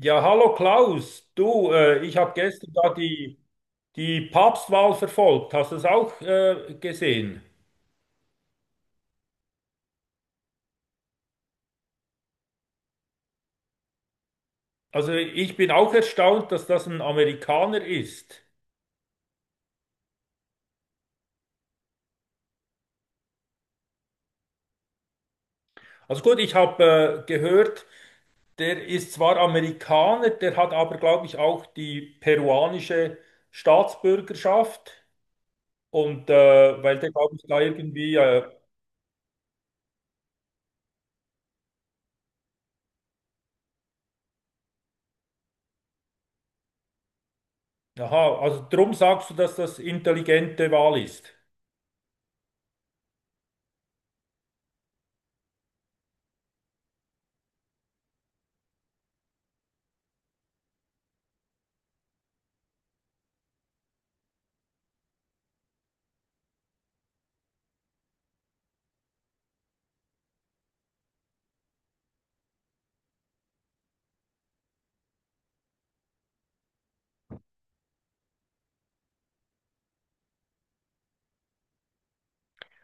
Ja, hallo Klaus, du, ich habe gestern da die Papstwahl verfolgt. Hast du es auch gesehen? Also ich bin auch erstaunt, dass das ein Amerikaner ist. Also gut, ich habe gehört, der ist zwar Amerikaner, der hat aber, glaube ich, auch die peruanische Staatsbürgerschaft. Und weil der, glaube ich, da irgendwie, aha, also drum sagst du, dass das intelligente Wahl ist.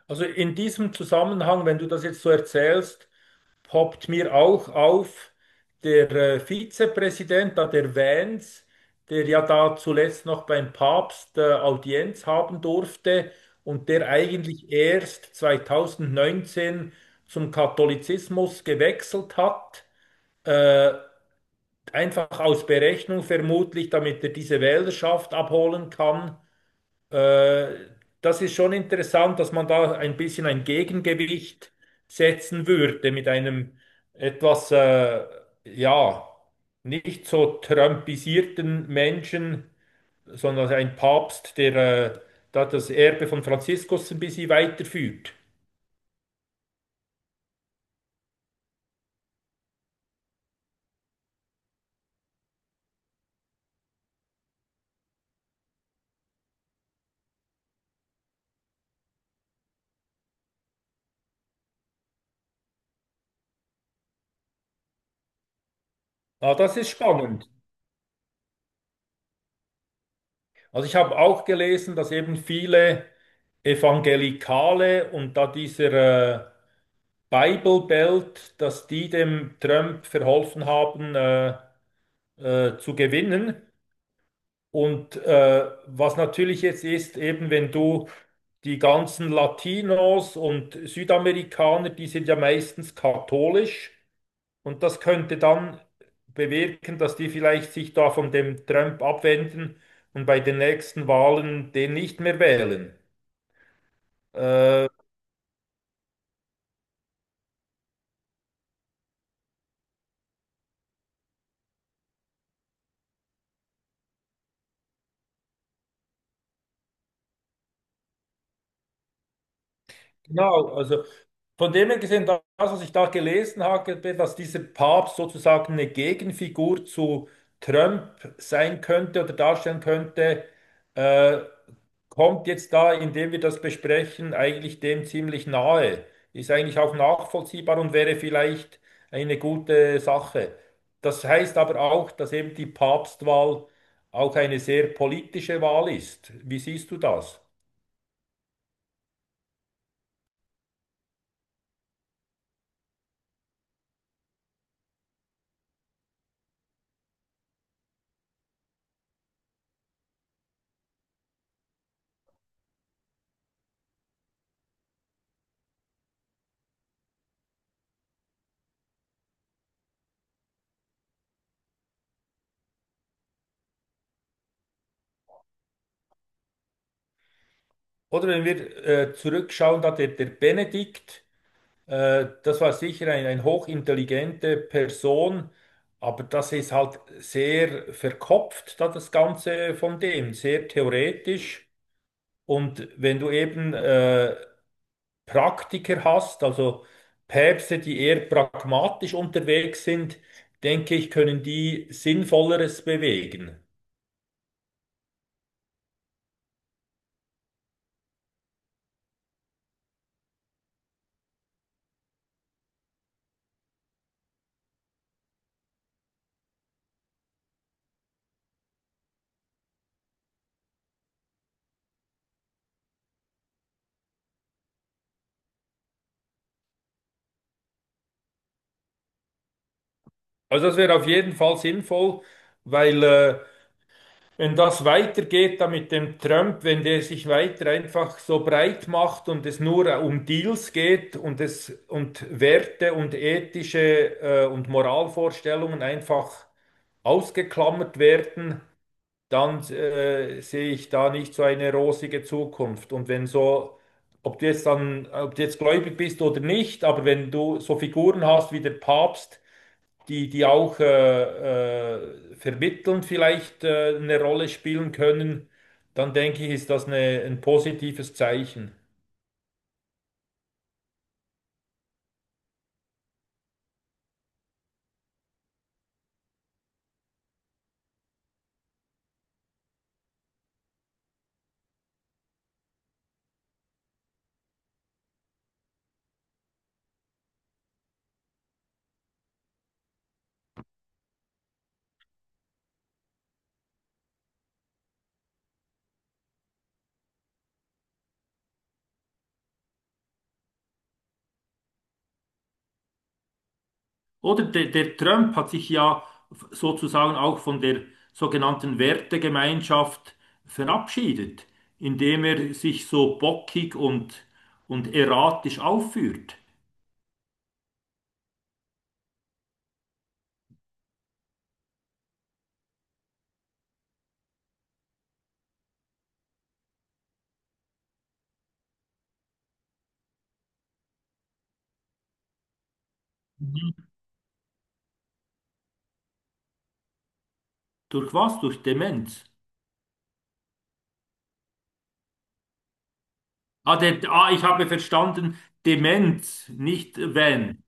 Also in diesem Zusammenhang, wenn du das jetzt so erzählst, poppt mir auch auf der Vizepräsident da der Vance, der ja da zuletzt noch beim Papst Audienz haben durfte und der eigentlich erst 2019 zum Katholizismus gewechselt hat, äh, einfach aus Berechnung vermutlich, damit er diese Wählerschaft abholen kann. Äh, Das ist schon interessant, dass man da ein bisschen ein Gegengewicht setzen würde mit einem etwas, ja, nicht so trumpisierten Menschen, sondern ein Papst, der äh, da das Erbe von Franziskus ein bisschen weiterführt. Ah, das ist spannend. Also ich habe auch gelesen, dass eben viele Evangelikale und da dieser Bible Belt, dass die dem Trump verholfen haben zu gewinnen. Und was natürlich jetzt ist, eben wenn du die ganzen Latinos und Südamerikaner, die sind ja meistens katholisch und das könnte dann bewirken, dass die vielleicht sich da von dem Trump abwenden und bei den nächsten Wahlen den nicht mehr wählen. Äh, Genau, also von dem her gesehen, das, was ich da gelesen habe, dass dieser Papst sozusagen eine Gegenfigur zu Trump sein könnte oder darstellen könnte, äh, kommt jetzt da, indem wir das besprechen, eigentlich dem ziemlich nahe. Ist eigentlich auch nachvollziehbar und wäre vielleicht eine gute Sache. Das heißt aber auch, dass eben die Papstwahl auch eine sehr politische Wahl ist. Wie siehst du das? Oder wenn wir zurückschauen, da der Benedikt, das war sicher ein hochintelligente Person, aber das ist halt sehr verkopft, da das Ganze von dem, sehr theoretisch. Und wenn du eben Praktiker hast, also Päpste, die eher pragmatisch unterwegs sind, denke ich, können die Sinnvolleres bewegen. Also das wäre auf jeden Fall sinnvoll, weil wenn das weitergeht, da mit dem Trump, wenn der sich weiter einfach so breit macht und es nur um Deals geht und es und Werte und ethische und Moralvorstellungen einfach ausgeklammert werden, dann sehe ich da nicht so eine rosige Zukunft. Und wenn so, ob du jetzt dann, ob du jetzt gläubig bist oder nicht, aber wenn du so Figuren hast wie der Papst, die auch vermittelnd vielleicht eine Rolle spielen können, dann denke ich, ist das eine, ein positives Zeichen. Oder der Trump hat sich ja sozusagen auch von der sogenannten Wertegemeinschaft verabschiedet, indem er sich so bockig und erratisch aufführt. Durch was? Durch Demenz. Ah, der, ah, ich habe verstanden, Demenz, nicht wenn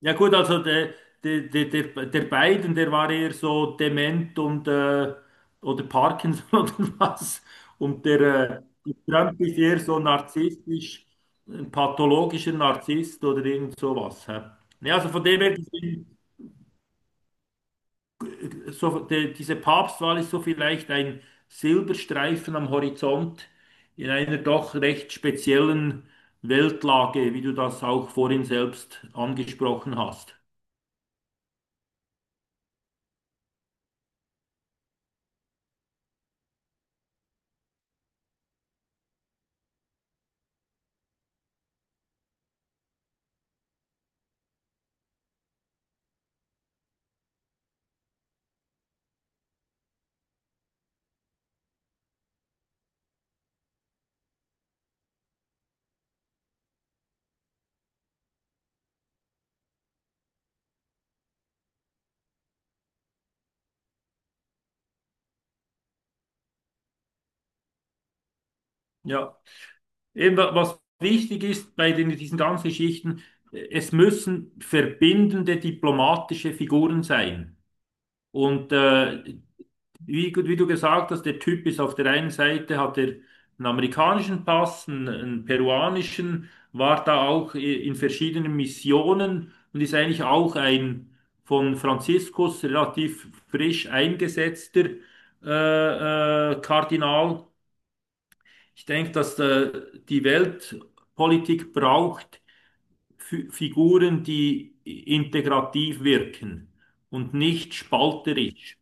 ja gut, also der Biden, der war eher so dement und oder Parkinson oder was. Und der, der Trump ist eher so narzisstisch, ein pathologischer Narzisst oder irgend sowas. Hä? Ja, also von dem her, gesehen, so, de, diese Papstwahl ist so vielleicht ein Silberstreifen am Horizont in einer doch recht speziellen Weltlage, wie du das auch vorhin selbst angesprochen hast. Ja. Eben, was wichtig ist bei diesen ganzen Geschichten, es müssen verbindende diplomatische Figuren sein. Und wie, wie du gesagt hast, der Typ ist auf der einen Seite, hat er einen amerikanischen Pass, einen peruanischen, war da auch in verschiedenen Missionen und ist eigentlich auch ein von Franziskus relativ frisch eingesetzter Kardinal. Ich denke, dass die Weltpolitik braucht Figuren, die integrativ wirken und nicht spalterisch.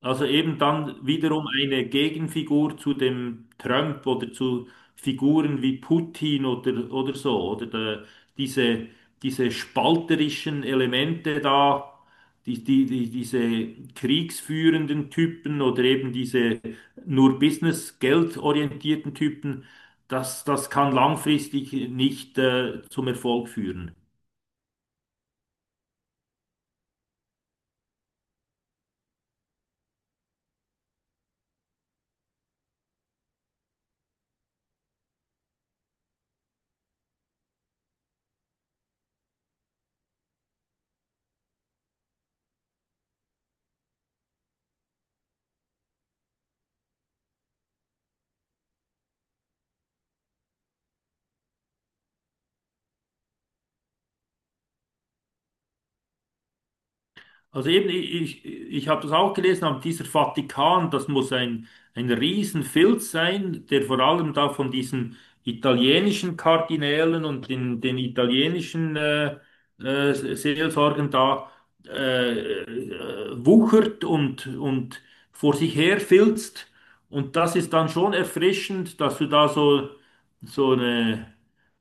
Also eben dann wiederum eine Gegenfigur zu dem Trump oder zu Figuren wie Putin oder so, oder der, diese, diese spalterischen Elemente da, diese kriegsführenden Typen oder eben diese nur Business, geldorientierten Typen, das kann langfristig nicht zum Erfolg führen. Also eben, ich habe das auch gelesen, aber dieser Vatikan, das muss ein Riesenfilz sein, der vor allem da von diesen italienischen Kardinälen und den italienischen Seelsorgern da wuchert und vor sich her filzt. Und das ist dann schon erfrischend, dass du da so, so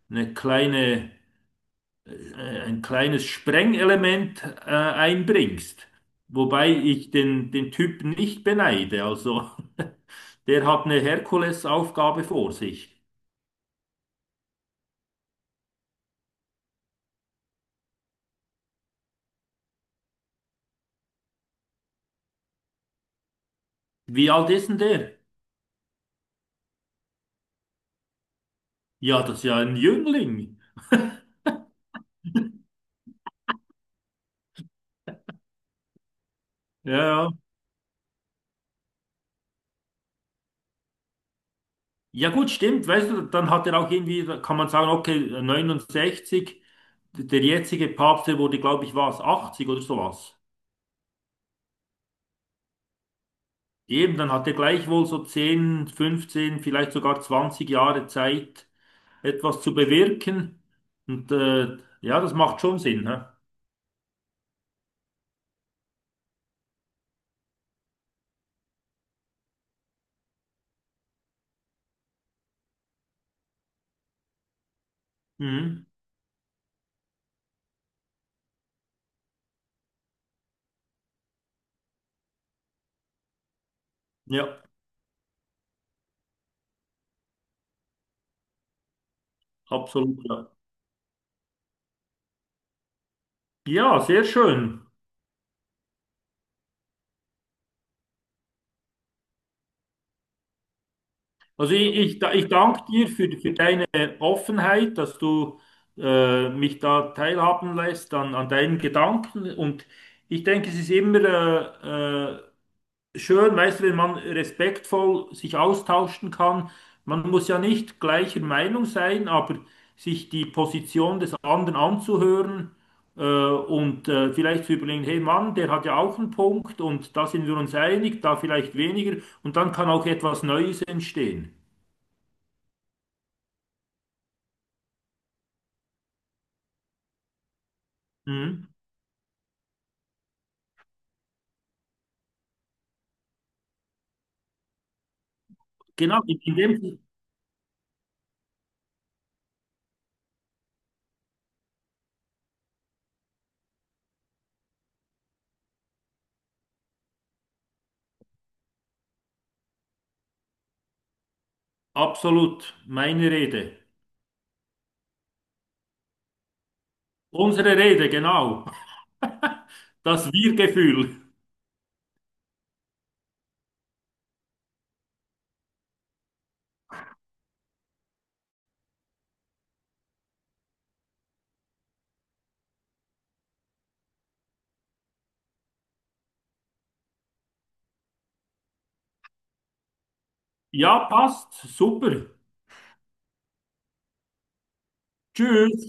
eine kleine ein kleines Sprengelement einbringst. Wobei ich den Typ nicht beneide. Also, der hat eine Herkulesaufgabe vor sich. Wie alt ist denn der? Ja, das ist ja ein Jüngling. Ja, ja. Ja gut, stimmt, weißt du, dann hat er auch irgendwie, da kann man sagen, okay, 69, der jetzige Papst, der wurde, glaube ich, was, 80 oder sowas. Eben, dann hat er gleichwohl so 10, 15, vielleicht sogar 20 Jahre Zeit, etwas zu bewirken. Und ja, das macht schon Sinn. Hä? Mhm. Ja, absolut. Ja, ja sehr schön. Also ich danke dir für deine Offenheit, dass du mich da teilhaben lässt an, an deinen Gedanken. Und ich denke, es ist immer äh, äh, schön, weißt du, wenn man respektvoll sich austauschen kann. Man muss ja nicht gleicher Meinung sein, aber sich die Position des anderen anzuhören und vielleicht zu überlegen, hey Mann, der hat ja auch einen Punkt und da sind wir uns einig, da vielleicht weniger und dann kann auch etwas Neues entstehen. Mhm. Genau, in dem absolut meine Rede. Unsere Rede, genau. Das Wir-Gefühl. Ja, passt. Super. Tschüss.